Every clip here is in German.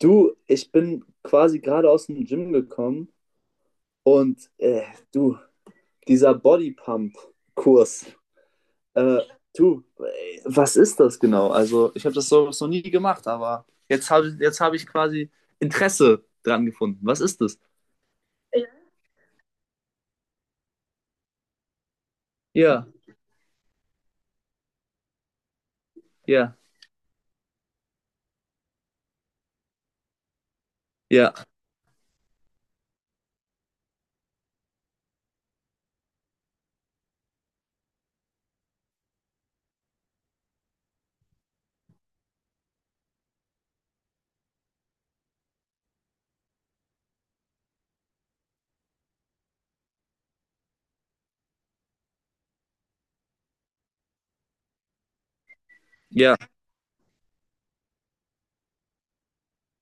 Du, ich bin quasi gerade aus dem Gym gekommen und du, dieser Bodypump-Kurs, äh, du, was ist das genau? Also, ich habe das so noch nie gemacht, aber jetzt hab ich quasi Interesse dran gefunden. Was ist das? Ja, ja, ja, ja.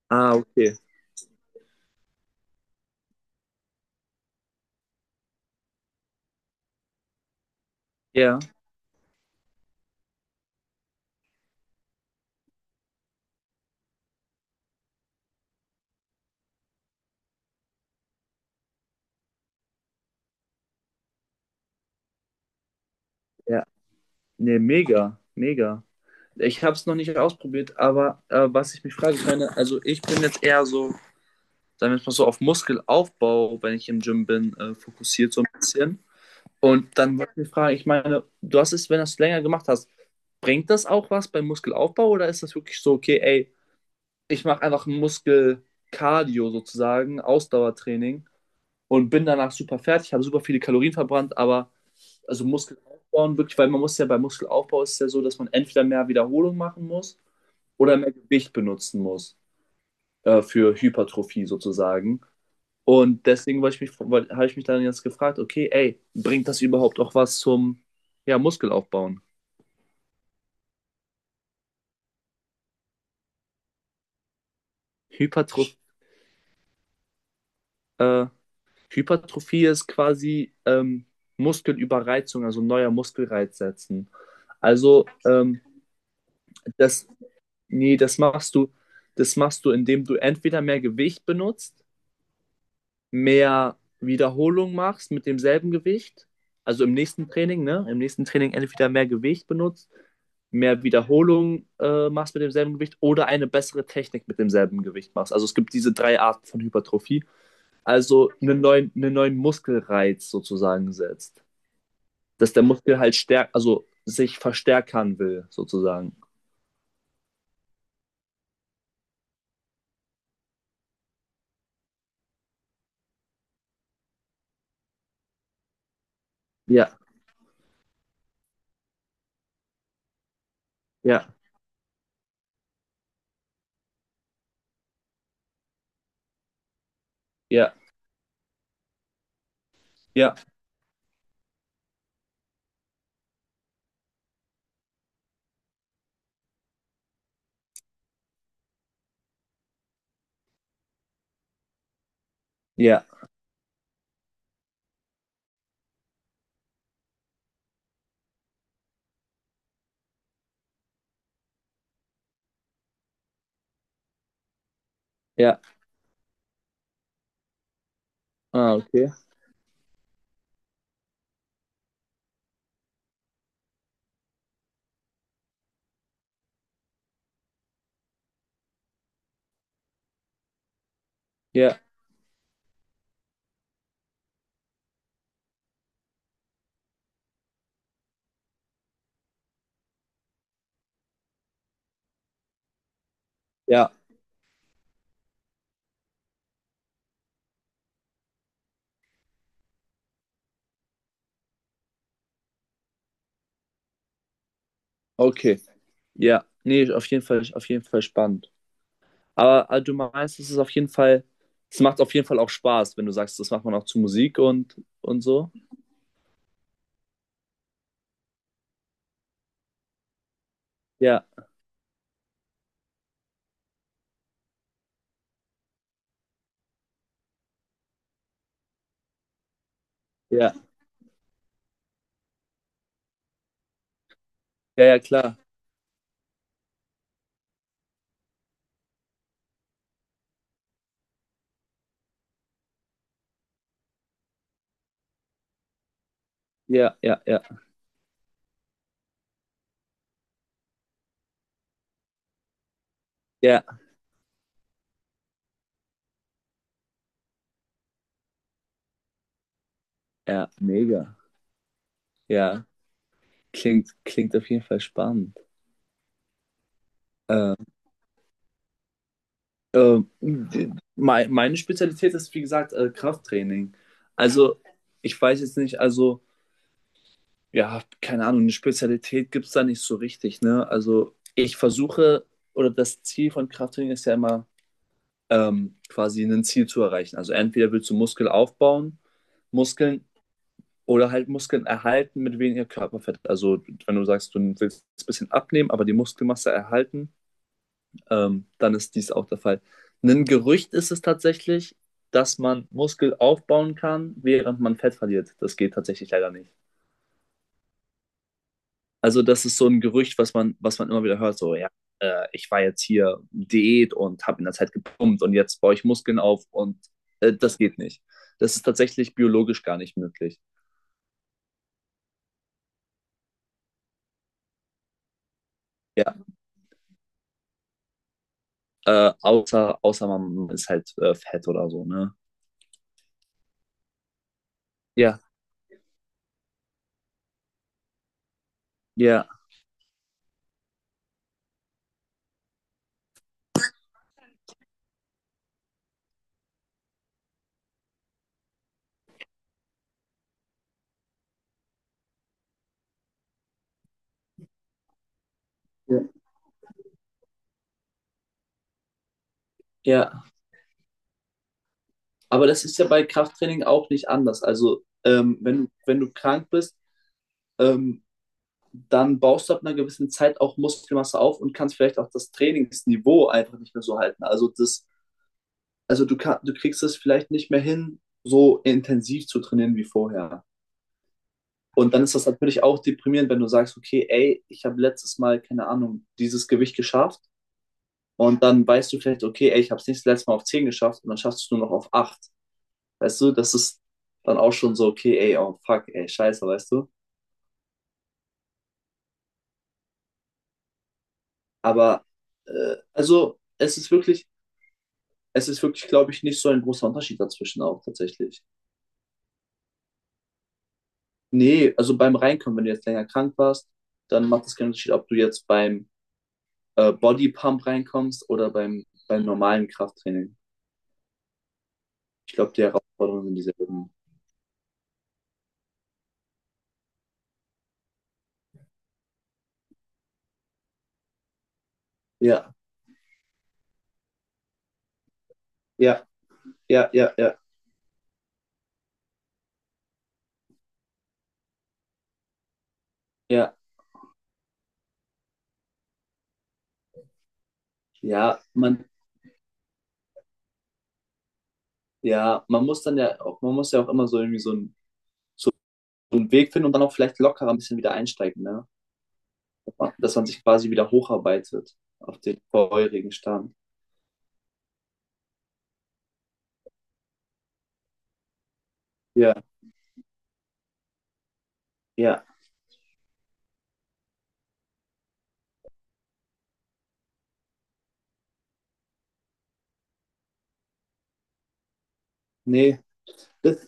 Ah, okay. Ja, ja. Nee, mega, mega. Ich habe es noch nicht ausprobiert, aber was ich mich frage, ich meine, also ich bin jetzt eher so, sagen wir jetzt mal so, auf Muskelaufbau, wenn ich im Gym bin, fokussiert so ein bisschen. Und dann wollte ich mich fragen, ich meine, du hast es, wenn du es länger gemacht hast, bringt das auch was beim Muskelaufbau? Oder ist das wirklich so, okay, ey, ich mache einfach Muskelkardio sozusagen, Ausdauertraining, und bin danach super fertig, habe super viele Kalorien verbrannt, aber also Muskel aufbauen wirklich, weil man muss ja, beim Muskelaufbau ist es ja so, dass man entweder mehr Wiederholung machen muss oder mehr Gewicht benutzen muss, für Hypertrophie sozusagen. Und deswegen wollte ich mich, habe ich mich dann jetzt gefragt, okay, ey, bringt das überhaupt auch was zum, ja, Muskelaufbauen? Hypertroph äh, Hypertrophie ist quasi Muskelüberreizung, also neuer Muskelreiz setzen. Also das, nee, das machst du, indem du entweder mehr Gewicht benutzt, mehr Wiederholung machst mit demselben Gewicht, also im nächsten Training, ne? Im nächsten Training entweder mehr Gewicht benutzt, mehr Wiederholung machst mit demselben Gewicht oder eine bessere Technik mit demselben Gewicht machst. Also es gibt diese drei Arten von Hypertrophie. Also einen neuen Muskelreiz sozusagen setzt. Dass der Muskel halt stärk, also sich verstärkern will, sozusagen. Ja, ja, ja, ja, ja, ja. Ah, okay. Ja, ja, okay. Ja, nee, auf jeden Fall spannend. Aber du meinst, es ist auf jeden Fall, es macht auf jeden Fall auch Spaß, wenn du sagst, das macht man auch zu Musik und so. Ja, ja, ja, ja, klar. Ja, ja, ja, ja, ja, mega. Ja, klingt, klingt auf jeden Fall spannend. Äh, Meine Spezialität ist, wie gesagt, Krafttraining. Also, ich weiß jetzt nicht, also, ja, keine Ahnung, eine Spezialität gibt es da nicht so richtig, ne? Also ich versuche, oder das Ziel von Krafttraining ist ja immer, quasi ein Ziel zu erreichen. Also entweder willst du Muskel aufbauen, Muskeln, oder halt Muskeln erhalten mit weniger Körperfett. Also wenn du sagst, du willst ein bisschen abnehmen, aber die Muskelmasse erhalten, dann ist dies auch der Fall. Ein Gerücht ist es tatsächlich, dass man Muskel aufbauen kann, während man Fett verliert. Das geht tatsächlich leider nicht. Also, das ist so ein Gerücht, was man immer wieder hört, so, ja, ich war jetzt hier Diät und habe in der Zeit gepumpt und jetzt baue ich Muskeln auf, und das geht nicht. Das ist tatsächlich biologisch gar nicht möglich. Ja, außer, außer man ist halt fett oder so, ne? Ja, ja, ja, ja. Aber das ist ja bei Krafttraining auch nicht anders. Also, wenn, wenn du krank bist, ähm, dann baust du ab einer gewissen Zeit auch Muskelmasse auf und kannst vielleicht auch das Trainingsniveau einfach nicht mehr so halten. Also, das, also du kann, du kriegst es vielleicht nicht mehr hin, so intensiv zu trainieren wie vorher. Und dann ist das natürlich auch deprimierend, wenn du sagst, okay, ey, ich habe letztes Mal, keine Ahnung, dieses Gewicht geschafft. Und dann weißt du vielleicht, okay, ey, ich habe es nicht, das letzte Mal auf 10 geschafft, und dann schaffst du es nur noch auf 8. Weißt du, das ist dann auch schon so, okay, ey, oh fuck, ey, scheiße, weißt du. Aber also es ist wirklich, glaube ich, nicht so ein großer Unterschied dazwischen auch tatsächlich. Nee, also beim Reinkommen, wenn du jetzt länger krank warst, dann macht es keinen Unterschied, ob du jetzt beim Bodypump reinkommst oder beim, beim normalen Krafttraining. Ich glaube, die Herausforderungen sind dieselben. Ja, ja, ja, ja, ja, ja, ja, man, ja, man muss dann ja auch, man muss ja auch immer so irgendwie so einen Weg finden und dann auch vielleicht lockerer ein bisschen wieder einsteigen, ne? Dass man sich quasi wieder hocharbeitet auf den vorherigen Stand. Ja, ja, nee, das,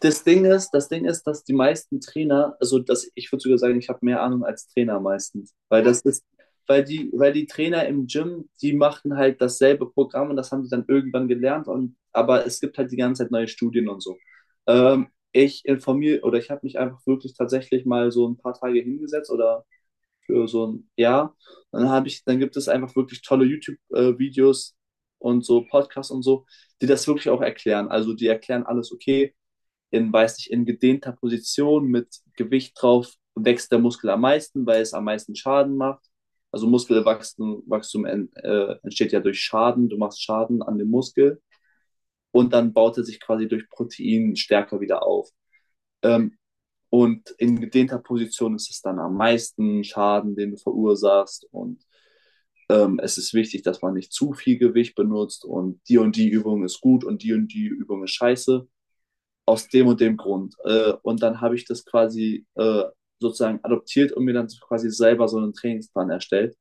das Ding ist, das Ding ist, dass die meisten Trainer, also dass, ich würde sogar sagen, ich habe mehr Ahnung als Trainer meistens, weil das ist, weil die Trainer im Gym, die machen halt dasselbe Programm und das haben die dann irgendwann gelernt, und aber es gibt halt die ganze Zeit neue Studien und so. Ich informiere, oder ich habe mich einfach wirklich tatsächlich mal so ein paar Tage hingesetzt oder für so ein Jahr. Dann habe ich, dann gibt es einfach wirklich tolle YouTube-Videos und so Podcasts und so, die das wirklich auch erklären. Also die erklären alles, okay, in, weiß nicht, in gedehnter Position mit Gewicht drauf wächst der Muskel am meisten, weil es am meisten Schaden macht. Also Muskelwachstum, Wachstum, entsteht ja durch Schaden. Du machst Schaden an dem Muskel und dann baut er sich quasi durch Protein stärker wieder auf. Ähm, und in gedehnter Position ist es dann am meisten Schaden, den du verursachst. Und es ist wichtig, dass man nicht zu viel Gewicht benutzt, und die Übung ist gut und die Übung ist scheiße aus dem und dem Grund. Und dann habe ich das quasi sozusagen adoptiert und mir dann quasi selber so einen Trainingsplan erstellt.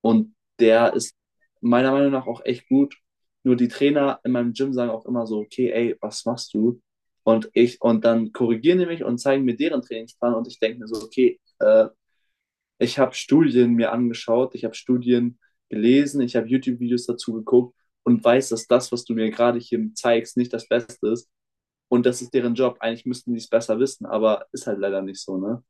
Und der ist meiner Meinung nach auch echt gut. Nur die Trainer in meinem Gym sagen auch immer so, okay, ey, was machst du? Und ich, und dann korrigieren die mich und zeigen mir deren Trainingsplan und ich denke mir so, okay, ich habe Studien mir angeschaut, ich habe Studien gelesen, ich habe YouTube-Videos dazu geguckt und weiß, dass das, was du mir gerade hier zeigst, nicht das Beste ist. Und das ist deren Job. Eigentlich müssten die es besser wissen, aber ist halt leider nicht so, ne?